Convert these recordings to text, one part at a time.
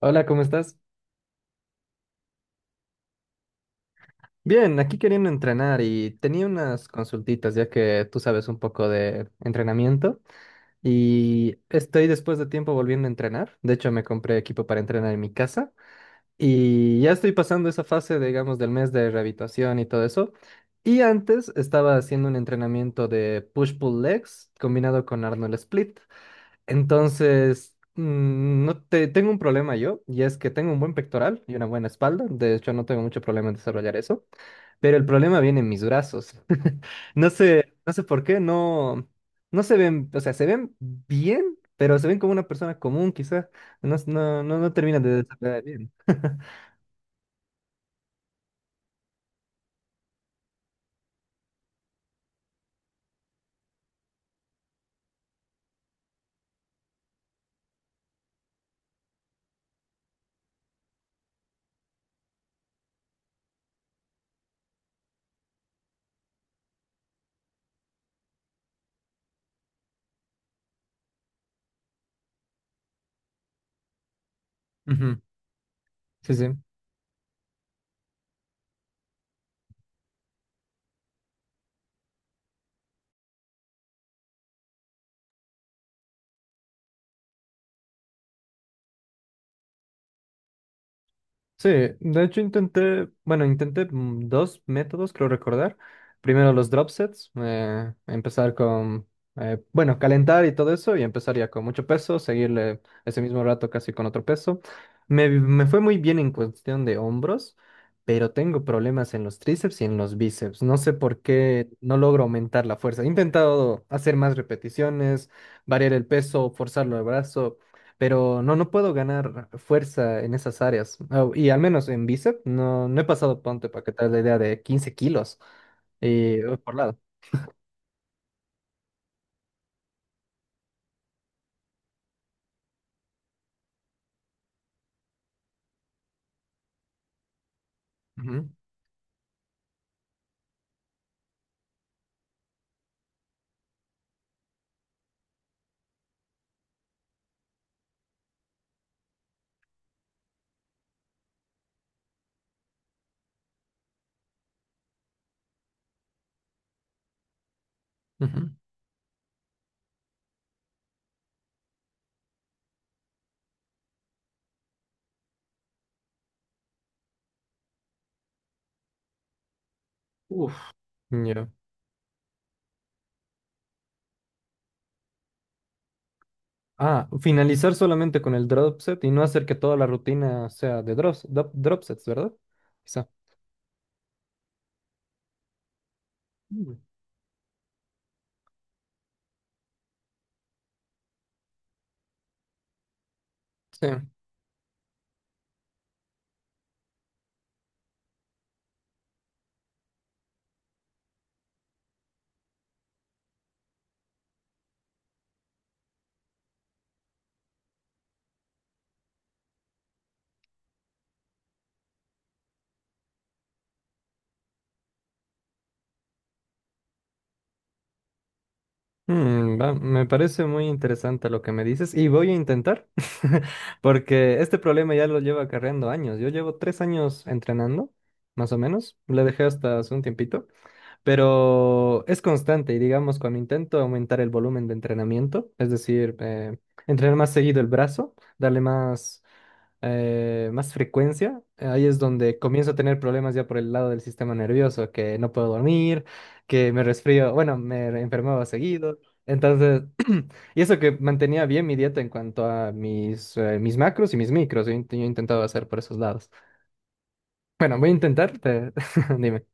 Hola, ¿cómo estás? Bien, aquí queriendo entrenar y tenía unas consultitas ya que tú sabes un poco de entrenamiento y estoy después de tiempo volviendo a entrenar. De hecho, me compré equipo para entrenar en mi casa y ya estoy pasando esa fase, digamos, del mes de rehabilitación y todo eso. Y antes estaba haciendo un entrenamiento de push-pull legs combinado con Arnold Split. Entonces, no te, tengo un problema yo, y es que tengo un buen pectoral y una buena espalda. De hecho, no tengo mucho problema en desarrollar eso, pero el problema viene en mis brazos. No sé, no sé por qué, no, no se ven, o sea, se ven bien, pero se ven como una persona común, quizás. No, no, no, no terminan de desarrollar bien. Ujú. Sí, sí. Sí, de hecho intenté, bueno, intenté dos métodos, creo recordar. Primero los drop sets, empezar con, bueno, calentar y todo eso, y empezaría con mucho peso, seguirle ese mismo rato casi con otro peso. Me fue muy bien en cuestión de hombros, pero tengo problemas en los tríceps y en los bíceps. No sé por qué no logro aumentar la fuerza. He intentado hacer más repeticiones, variar el peso, forzarlo el brazo. Pero no, no puedo ganar fuerza en esas áreas. Ah, y al menos en bíceps, no, no he pasado, ponte para que te hagas la idea, de 15 kilos por lado. Ujú, ujú. Uf. Ya. Ah, finalizar solamente con el drop set y no hacer que toda la rutina sea de drop sets, ¿verdad? Quizá. Mm, sí. Me parece muy interesante lo que me dices y voy a intentar, porque este problema ya lo llevo acarreando años. Yo llevo 3 años entrenando, más o menos. Le dejé hasta hace un tiempito, pero es constante y digamos cuando intento aumentar el volumen de entrenamiento, es decir, entrenar más seguido el brazo, darle más frecuencia, ahí es donde comienzo a tener problemas ya por el lado del sistema nervioso, que no puedo dormir, que me resfrío, bueno, me enfermaba seguido. Entonces, y eso que mantenía bien mi dieta en cuanto a mis macros y mis micros, yo intentaba hacer por esos lados. Bueno, voy a intentar, dime.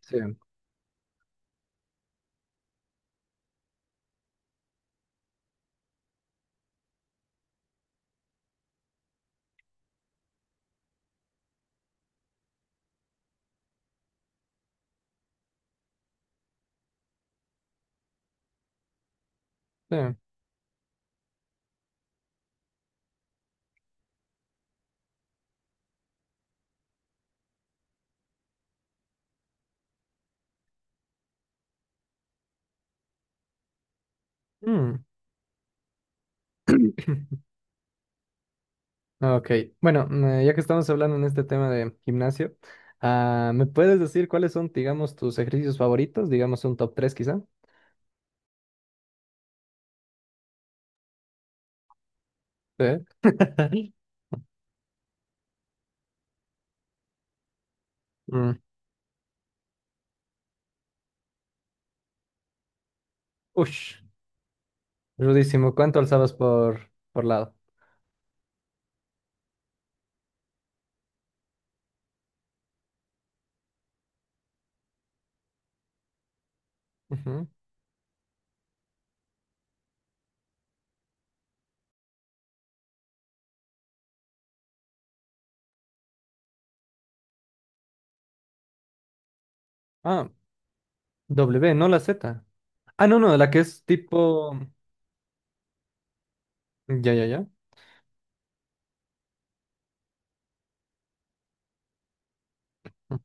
Sí. Sí. Mm, ok, bueno, ya que estamos hablando en este tema de gimnasio, ah, ¿me puedes decir cuáles son, digamos, tus ejercicios favoritos? Digamos un top 3 quizá. Sí. Mm. Ush, rudísimo. ¿Cuánto alzabas por lado? Ujú. Ah, W, no la Z. Ah, no, no, la que es tipo. Ya, ya, ya. Mm,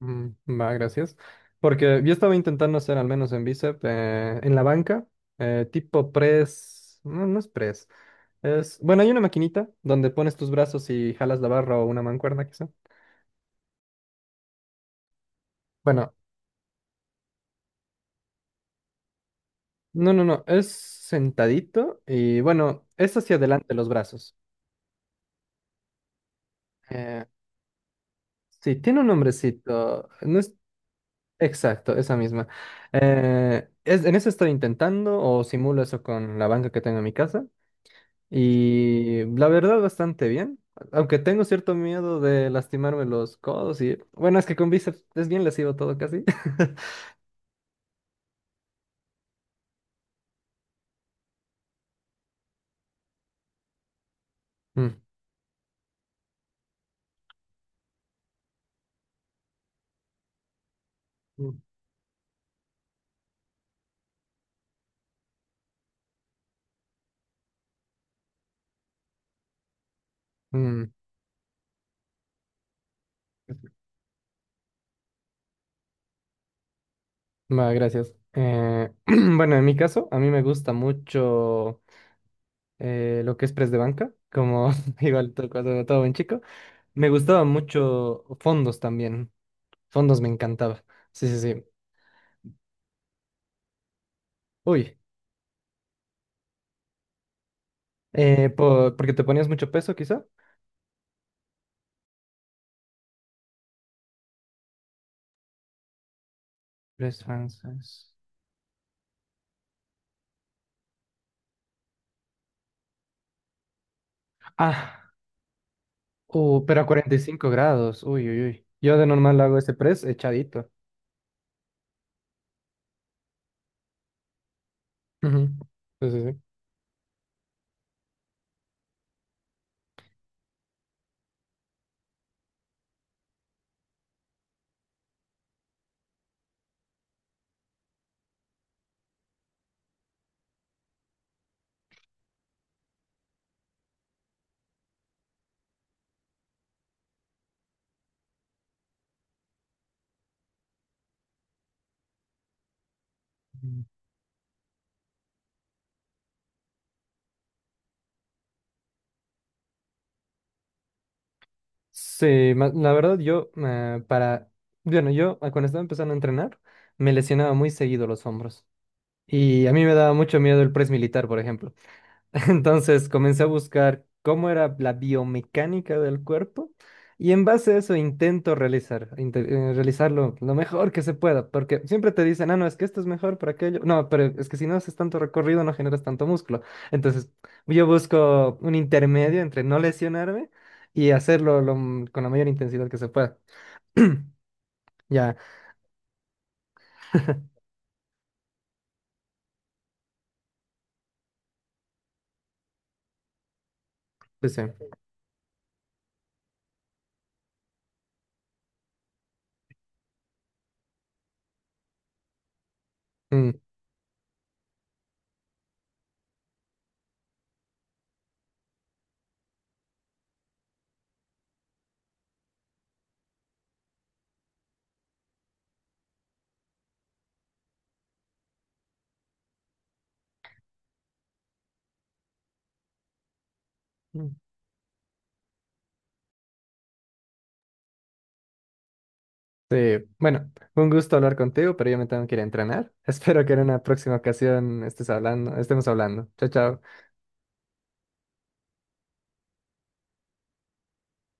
Va, gracias. Porque yo estaba intentando hacer, al menos en bíceps, en la banca, tipo press. No, no es press. Bueno, hay una maquinita donde pones tus brazos y jalas la barra o una mancuerna, quizá. Bueno, no, no, no, es sentadito y bueno, es hacia adelante los brazos. Eh, Sí, tiene un nombrecito. No es exacto, esa misma. En eso estoy intentando o simulo eso con la banca que tengo en mi casa. Y la verdad, bastante bien. Aunque tengo cierto miedo de lastimarme los codos y. Bueno, es que con bíceps es bien lesivo todo casi. Mm, mm, mm. Va, gracias. Bueno, en mi caso, a mí me gusta mucho lo que es press de banca, como igual todo, cuando todo buen chico. Me gustaba mucho fondos también. Fondos me encantaba. Sí, sí, sí. Uy, porque te ponías mucho peso, quizá. Press francés. Ah, pero a 45 grados. Uy, uy, uy. Yo de normal hago ese press echadito. Ujú. Sí, sí, sí. Mm. Sí, la verdad, yo para. Bueno, yo cuando estaba empezando a entrenar, me lesionaba muy seguido los hombros. Y a mí me daba mucho miedo el press militar, por ejemplo. Entonces comencé a buscar cómo era la biomecánica del cuerpo y en base a eso intento realizarlo lo mejor que se pueda, porque siempre te dicen, ah, no, es que esto es mejor para aquello. No, pero es que si no haces tanto recorrido no generas tanto músculo. Entonces yo busco un intermedio entre no lesionarme y hacerlo lo con la mayor intensidad que se pueda. Ya, pues sí. Mm. Sí, bueno, un gusto hablar contigo, pero yo me tengo que ir a entrenar. Espero que en una próxima ocasión estemos hablando. Chao, chao.